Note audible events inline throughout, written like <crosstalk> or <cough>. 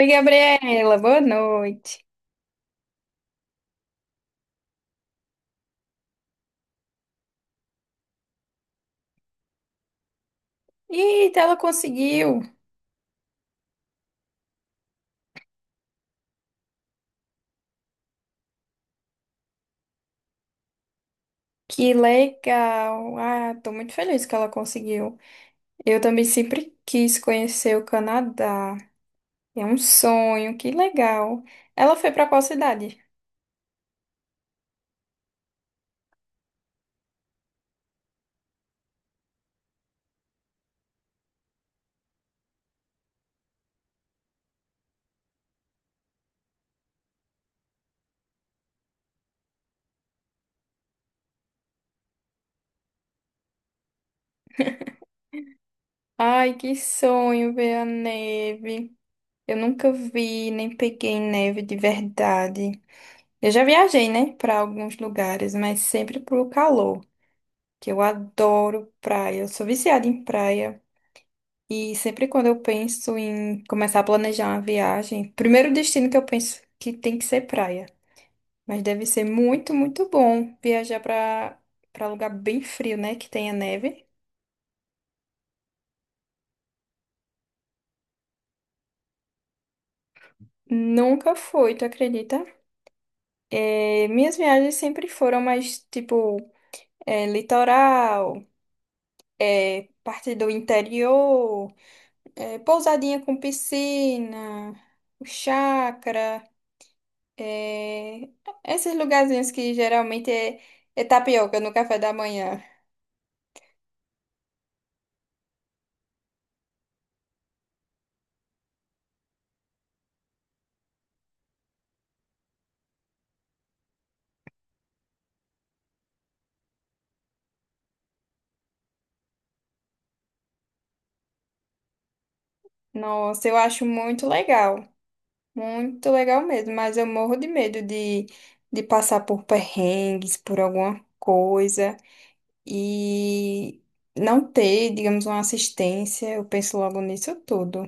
Oi, Gabriela, boa noite. Eita, ela conseguiu! Que legal! Ah, tô muito feliz que ela conseguiu. Eu também sempre quis conhecer o Canadá. É um sonho, que legal. Ela foi pra qual cidade? Ai, que sonho ver a neve. Eu nunca vi, nem peguei neve de verdade. Eu já viajei, né, pra alguns lugares, mas sempre pro calor, que eu adoro praia. Eu sou viciada em praia. E sempre quando eu penso em começar a planejar uma viagem, primeiro destino que eu penso que tem que ser praia. Mas deve ser muito, muito bom viajar para lugar bem frio, né? Que tenha neve. Nunca fui, tu acredita? É, minhas viagens sempre foram mais tipo litoral, parte do interior, pousadinha com piscina, chácara. É, esses lugarzinhos que geralmente é tapioca no café da manhã. Nossa, eu acho muito legal. Muito legal mesmo, mas eu morro de medo de passar por perrengues, por alguma coisa e não ter, digamos, uma assistência. Eu penso logo nisso tudo.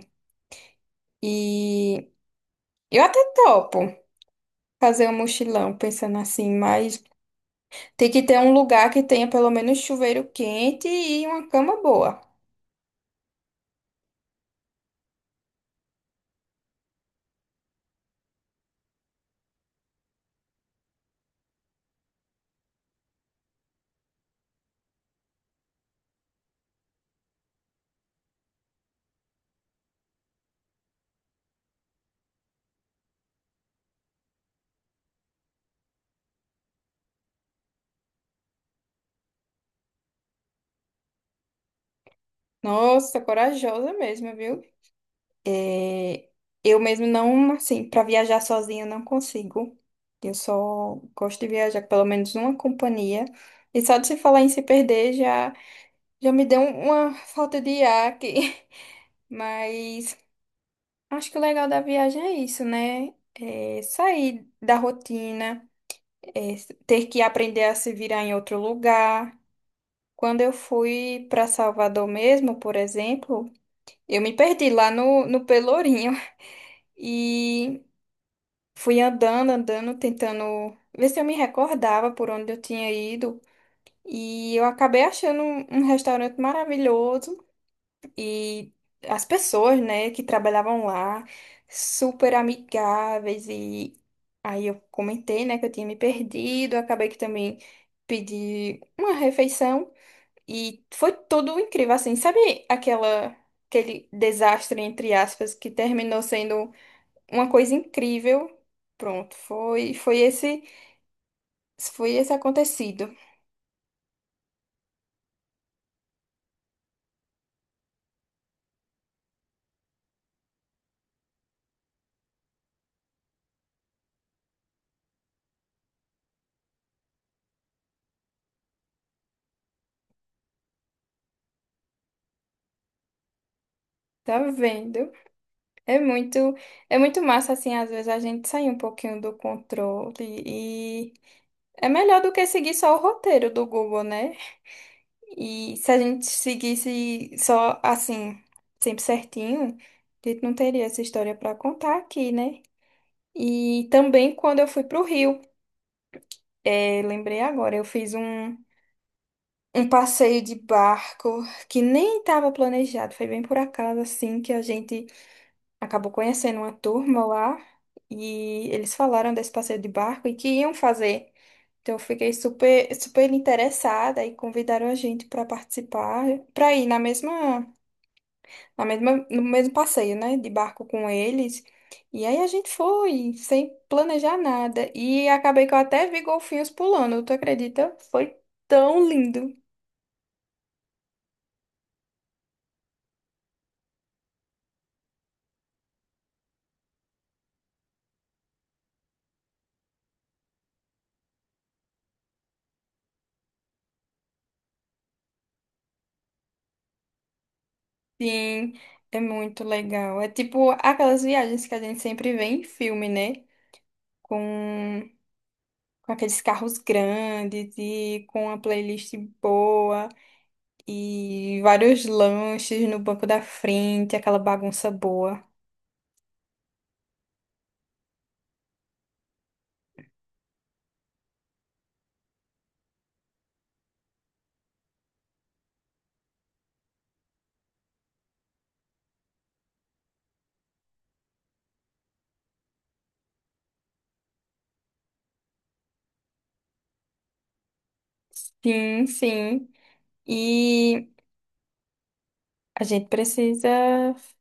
E eu até topo fazer um mochilão, pensando assim, mas tem que ter um lugar que tenha pelo menos chuveiro quente e uma cama boa. Nossa, corajosa mesmo, viu? É, eu mesmo não, assim, para viajar sozinha eu não consigo. Eu só gosto de viajar com pelo menos uma companhia. E só de se falar em se perder, já me deu uma falta de ar aqui. <laughs> Mas acho que o legal da viagem é isso, né? É sair da rotina, é ter que aprender a se virar em outro lugar. Quando eu fui para Salvador mesmo, por exemplo, eu me perdi lá no Pelourinho. E fui andando, andando, tentando ver se eu me recordava por onde eu tinha ido. E eu acabei achando um restaurante maravilhoso e as pessoas, né, que trabalhavam lá, super amigáveis. E aí eu comentei, né, que eu tinha me perdido. Acabei que também pedi uma refeição e foi tudo incrível, assim. Sabe aquela, aquele desastre, entre aspas, que terminou sendo uma coisa incrível. Pronto, foi esse foi esse acontecido. Tá vendo? É muito é muito massa assim, às vezes a gente sair um pouquinho do controle e é melhor do que seguir só o roteiro do Google, né? E se a gente seguisse só assim, sempre certinho, a gente não teria essa história para contar aqui, né? E também quando eu fui pro Rio, lembrei agora, eu fiz um passeio de barco que nem estava planejado. Foi bem por acaso, assim, que a gente acabou conhecendo uma turma lá e eles falaram desse passeio de barco e que iam fazer. Então, eu fiquei super, super interessada e convidaram a gente para participar, para ir na mesma, no mesmo passeio, né, de barco com eles. E aí a gente foi, sem planejar nada. E acabei que eu até vi golfinhos pulando, tu acredita? Foi tão lindo. Sim, é muito legal. É tipo aquelas viagens que a gente sempre vê em filme, né? Com, com aqueles carros grandes e com uma playlist boa e vários lanches no banco da frente, aquela bagunça boa. Sim, sim. E a gente precisa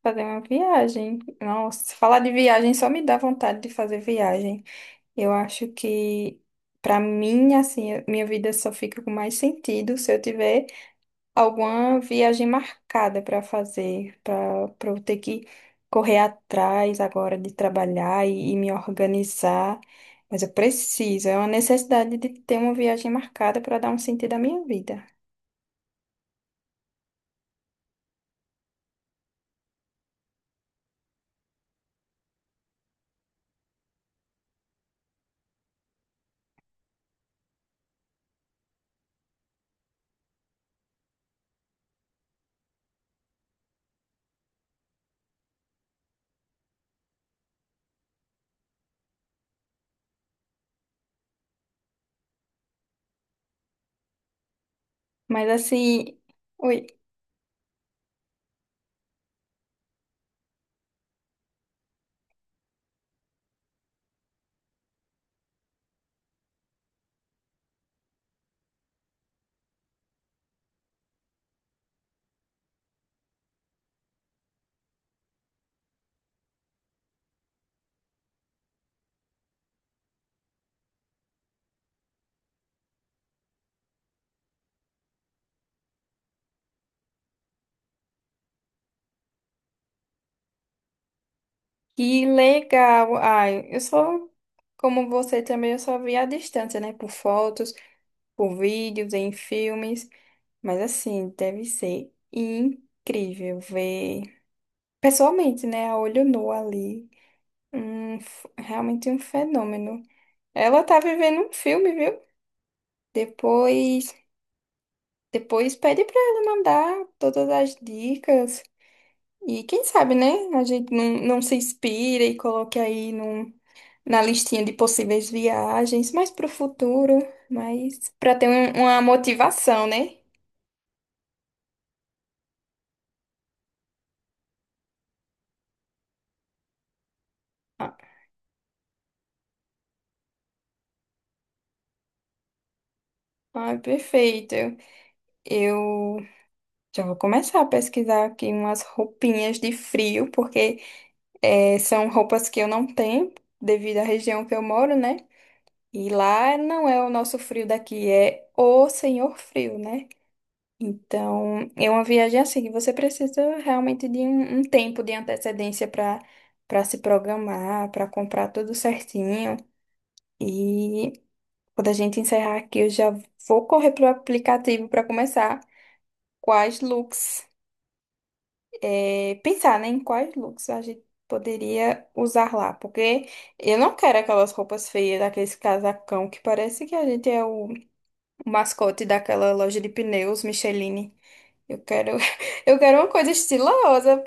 fazer uma viagem. Nossa, falar de viagem só me dá vontade de fazer viagem. Eu acho que, pra mim, assim, a minha vida só fica com mais sentido se eu tiver alguma viagem marcada para fazer, para eu ter que correr atrás agora de trabalhar e me organizar. Mas eu preciso, é uma necessidade de ter uma viagem marcada para dar um sentido à minha vida. Mas assim, oi, que legal. Ai, eu sou como você também, eu só vi à distância, né? Por fotos, por vídeos, em filmes. Mas assim, deve ser incrível ver pessoalmente, né, a olho nu ali, realmente um fenômeno. Ela tá vivendo um filme, viu? Depois, depois pede pra ela mandar todas as dicas e quem sabe, né, a gente não se inspira e coloque aí num, na listinha de possíveis viagens, mais pro futuro, mas pra uma motivação, né? Ah, ah, perfeito. Eu já vou começar a pesquisar aqui umas roupinhas de frio, porque são roupas que eu não tenho, devido à região que eu moro, né? E lá não é o nosso frio daqui, é o senhor frio, né? Então, é uma viagem assim que você precisa realmente de um tempo de antecedência para se programar, para comprar tudo certinho. E quando a gente encerrar aqui, eu já vou correr pro aplicativo para começar quais looks. É, pensar, né, em quais looks a gente poderia usar lá, porque eu não quero aquelas roupas feias, aqueles casacão que parece que a gente é o mascote daquela loja de pneus Micheline. Eu quero, <laughs> eu quero uma coisa estilosa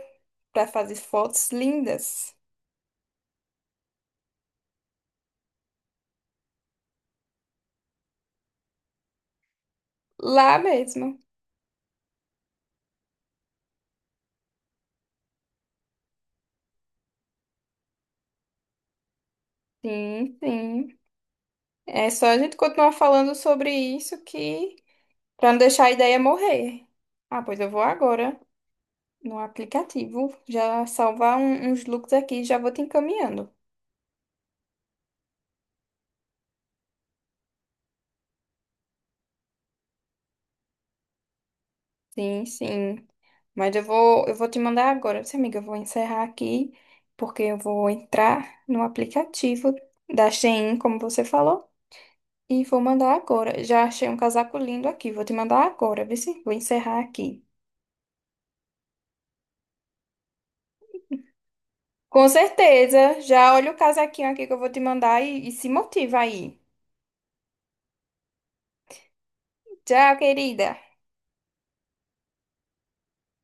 para fazer fotos lindas lá mesmo. Sim, sim. É só a gente continuar falando sobre isso que para não deixar a ideia morrer. Ah, pois eu vou agora. No aplicativo. Já salvar uns looks aqui, já vou te encaminhando. Sim, sim. Mas eu vou te mandar agora. Sim, amiga, eu vou encerrar aqui, porque eu vou entrar no aplicativo da Shein, como você falou, e vou mandar agora. Já achei um casaco lindo aqui, vou te mandar agora, viu? Sim? Vou encerrar aqui. Com certeza. Já olha o casaquinho aqui que eu vou te mandar e se motiva aí. Tchau, querida.